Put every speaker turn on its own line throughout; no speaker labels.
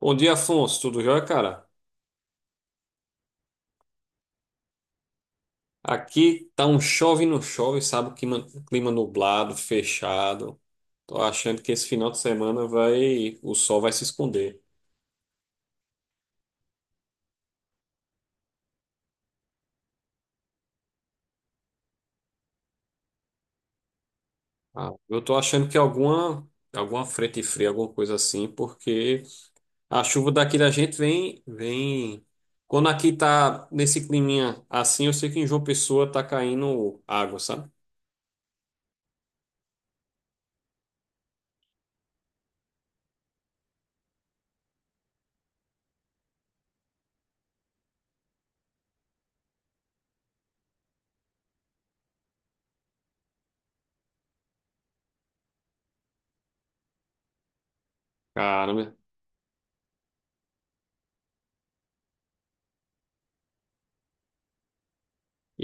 Bom dia, Afonso. Tudo jóia, cara? Aqui tá um chove e não chove, sabe? Clima nublado, fechado. Tô achando que esse final de semana vai, o sol vai se esconder. Ah, eu tô achando que alguma, alguma frente fria, alguma coisa assim, porque a chuva daqui da gente vem, vem. Quando aqui tá nesse climinha assim, eu sei que em João Pessoa tá caindo água, sabe? Caramba.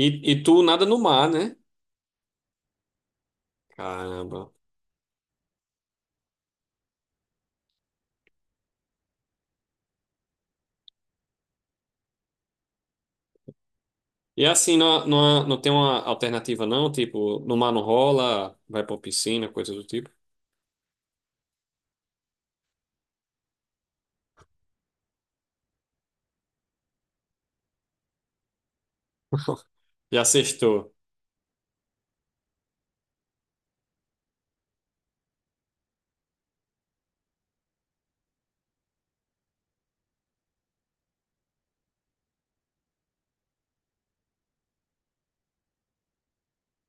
E, e tu nada no mar, né? Caramba. E é assim, não tem uma alternativa não? Tipo, no mar não rola, vai pra piscina, coisa do tipo. Já sextou.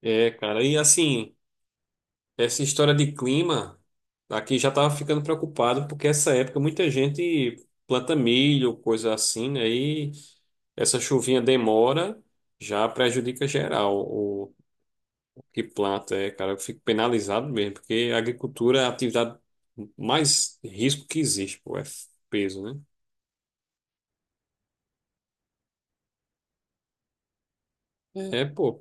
É, cara. E assim, essa história de clima, aqui já tava ficando preocupado, porque essa época muita gente planta milho, coisa assim, né? E essa chuvinha demora, já prejudica geral o que planta, é, cara. Eu fico penalizado mesmo, porque a agricultura é a atividade mais risco que existe, pô, é peso, né? É, pô.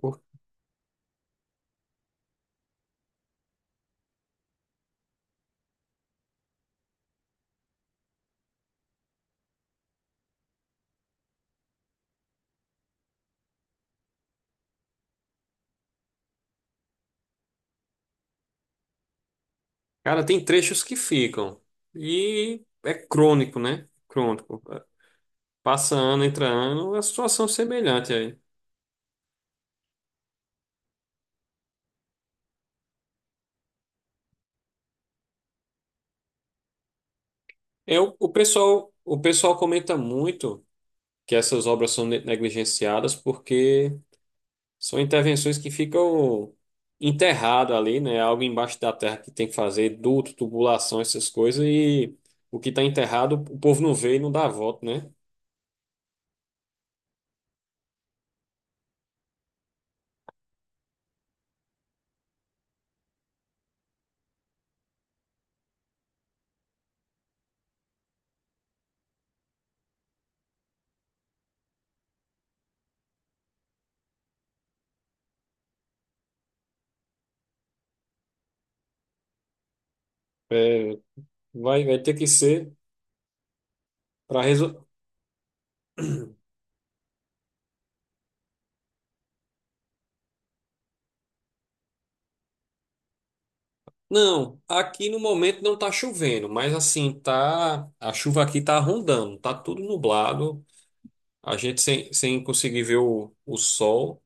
Cara, tem trechos que ficam. E é crônico, né? Crônico. Passa ano, entra ano, é uma situação é semelhante aí. Eu, o pessoal, o pessoal comenta muito que essas obras são negligenciadas porque são intervenções que ficam enterrado ali, né? Algo embaixo da terra que tem que fazer, duto, tubulação, essas coisas, e o que está enterrado, o povo não vê e não dá voto, né? É, vai, vai ter que ser para... Não, aqui no momento não tá chovendo, mas assim, tá, a chuva aqui tá rondando, tá tudo nublado, a gente sem, sem conseguir ver o sol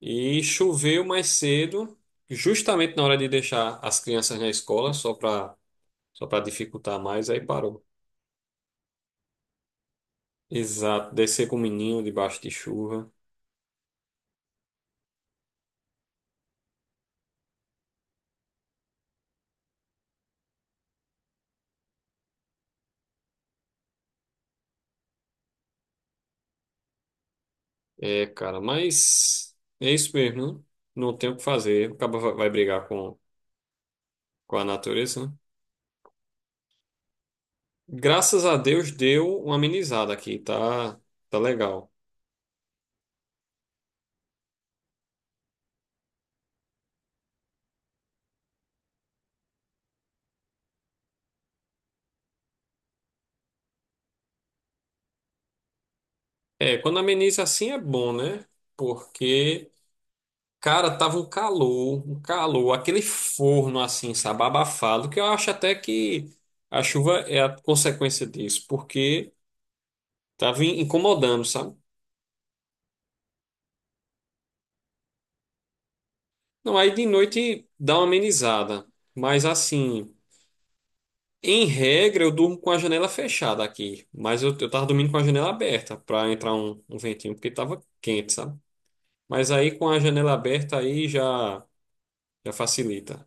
e choveu mais cedo, justamente na hora de deixar as crianças na escola, só para dificultar mais, aí parou. Exato, descer com o menino debaixo de chuva. É, cara, mas é isso mesmo, né? Não tem o que fazer, o cara vai brigar com a natureza, né? Graças a Deus deu uma amenizada aqui, tá, tá legal. É, quando ameniza assim é bom, né? Porque, cara, tava um calor, aquele forno assim, sabe, abafado, que eu acho até que a chuva é a consequência disso, porque tava incomodando, sabe? Não, aí de noite dá uma amenizada, mas assim, em regra eu durmo com a janela fechada aqui, mas eu tava dormindo com a janela aberta pra entrar um, um ventinho, porque tava quente, sabe? Mas aí com a janela aberta aí já, já facilita.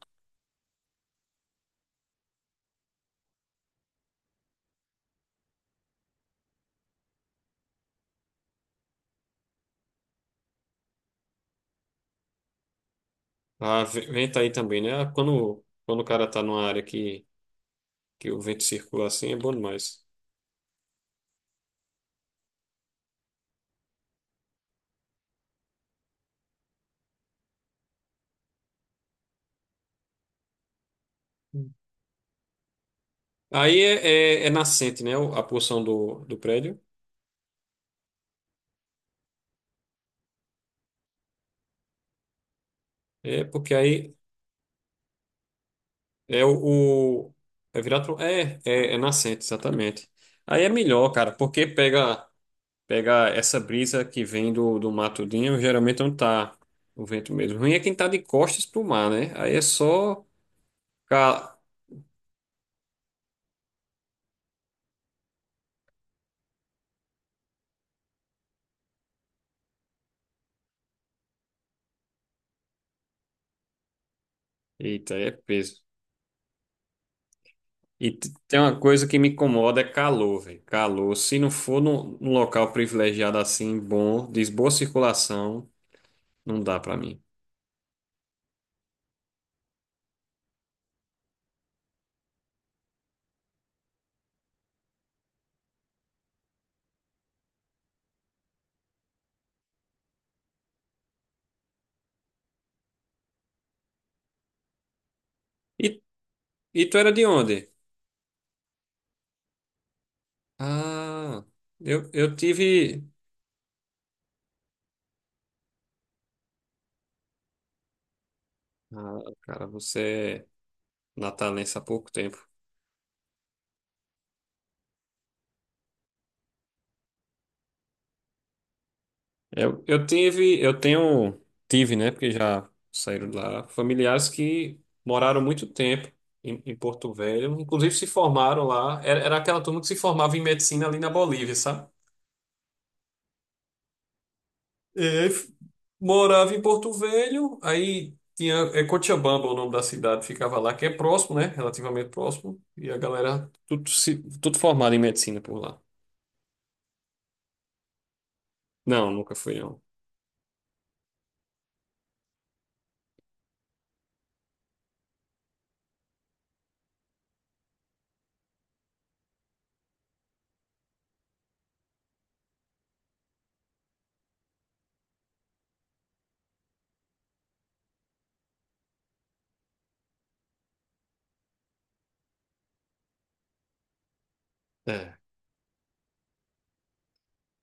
Ah, venta aí também, né? Ah, quando, quando o cara tá numa área que o vento circula assim, é bom demais. Aí é, é, é nascente, né? A porção do, do prédio. É porque aí é é virado é, é é nascente, exatamente. Aí é melhor, cara, porque pega pega essa brisa que vem do, do matudinho, geralmente não tá o vento mesmo. Ruim é quem tá de costas pro mar, né? Aí é só... Eita, é peso. E tem uma coisa que me incomoda, é calor, velho. Calor. Se não for num, num local privilegiado assim, bom, de boa circulação, não dá pra mim. E, e tu era de onde? Ah, eu tive. Ah, cara, você é natalense há pouco tempo. Eu tive, eu tenho, tive, né? Porque já saíram de lá, familiares que moraram muito tempo em, em Porto Velho, inclusive se formaram lá. Era, era aquela turma que se formava em medicina ali na Bolívia, sabe? E morava em Porto Velho, aí tinha, é Cochabamba o nome da cidade, ficava lá, que é próximo, né? Relativamente próximo. E a galera, tudo, se, tudo formado em medicina por lá. Não, nunca fui, não. É,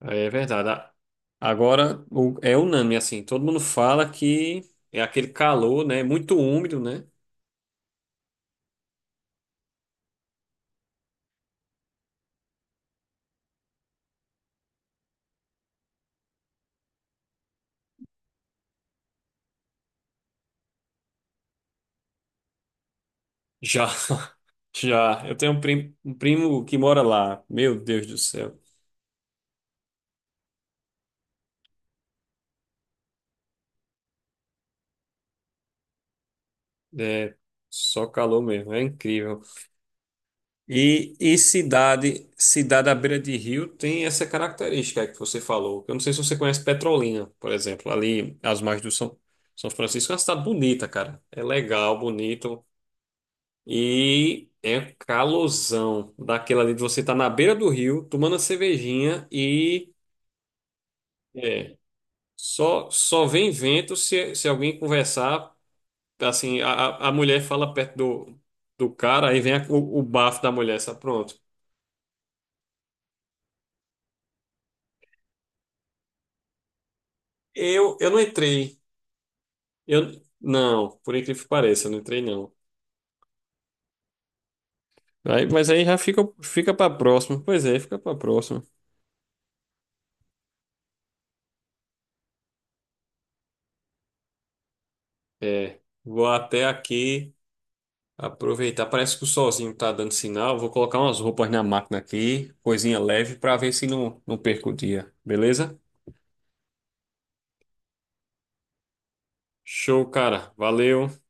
aí é verdade. Agora é unânime, assim, todo mundo fala que é aquele calor, né? Muito úmido, né? Já, já. Eu tenho um um primo, que mora lá. Meu Deus do céu. É só calor mesmo, é incrível. E cidade, cidade à beira de rio tem essa característica que você falou. Eu não sei se você conhece Petrolina, por exemplo, ali às margens do São, São Francisco. É uma cidade bonita, cara. É legal, bonito. E é um calorzão daquela ali de você estar na beira do rio, tomando a cervejinha e é, só, só vem vento se, se alguém conversar. Assim, a mulher fala perto do, do cara, aí vem o bafo da mulher, sabe? Pronto. Eu não entrei. Eu não, por incrível que pareça, eu não entrei não. Aí, mas aí já fica fica para próxima. Pois é, fica para próxima. É, vou até aqui aproveitar. Parece que o solzinho tá dando sinal. Vou colocar umas roupas na máquina aqui, coisinha leve, para ver se não perco o dia. Beleza? Show, cara. Valeu.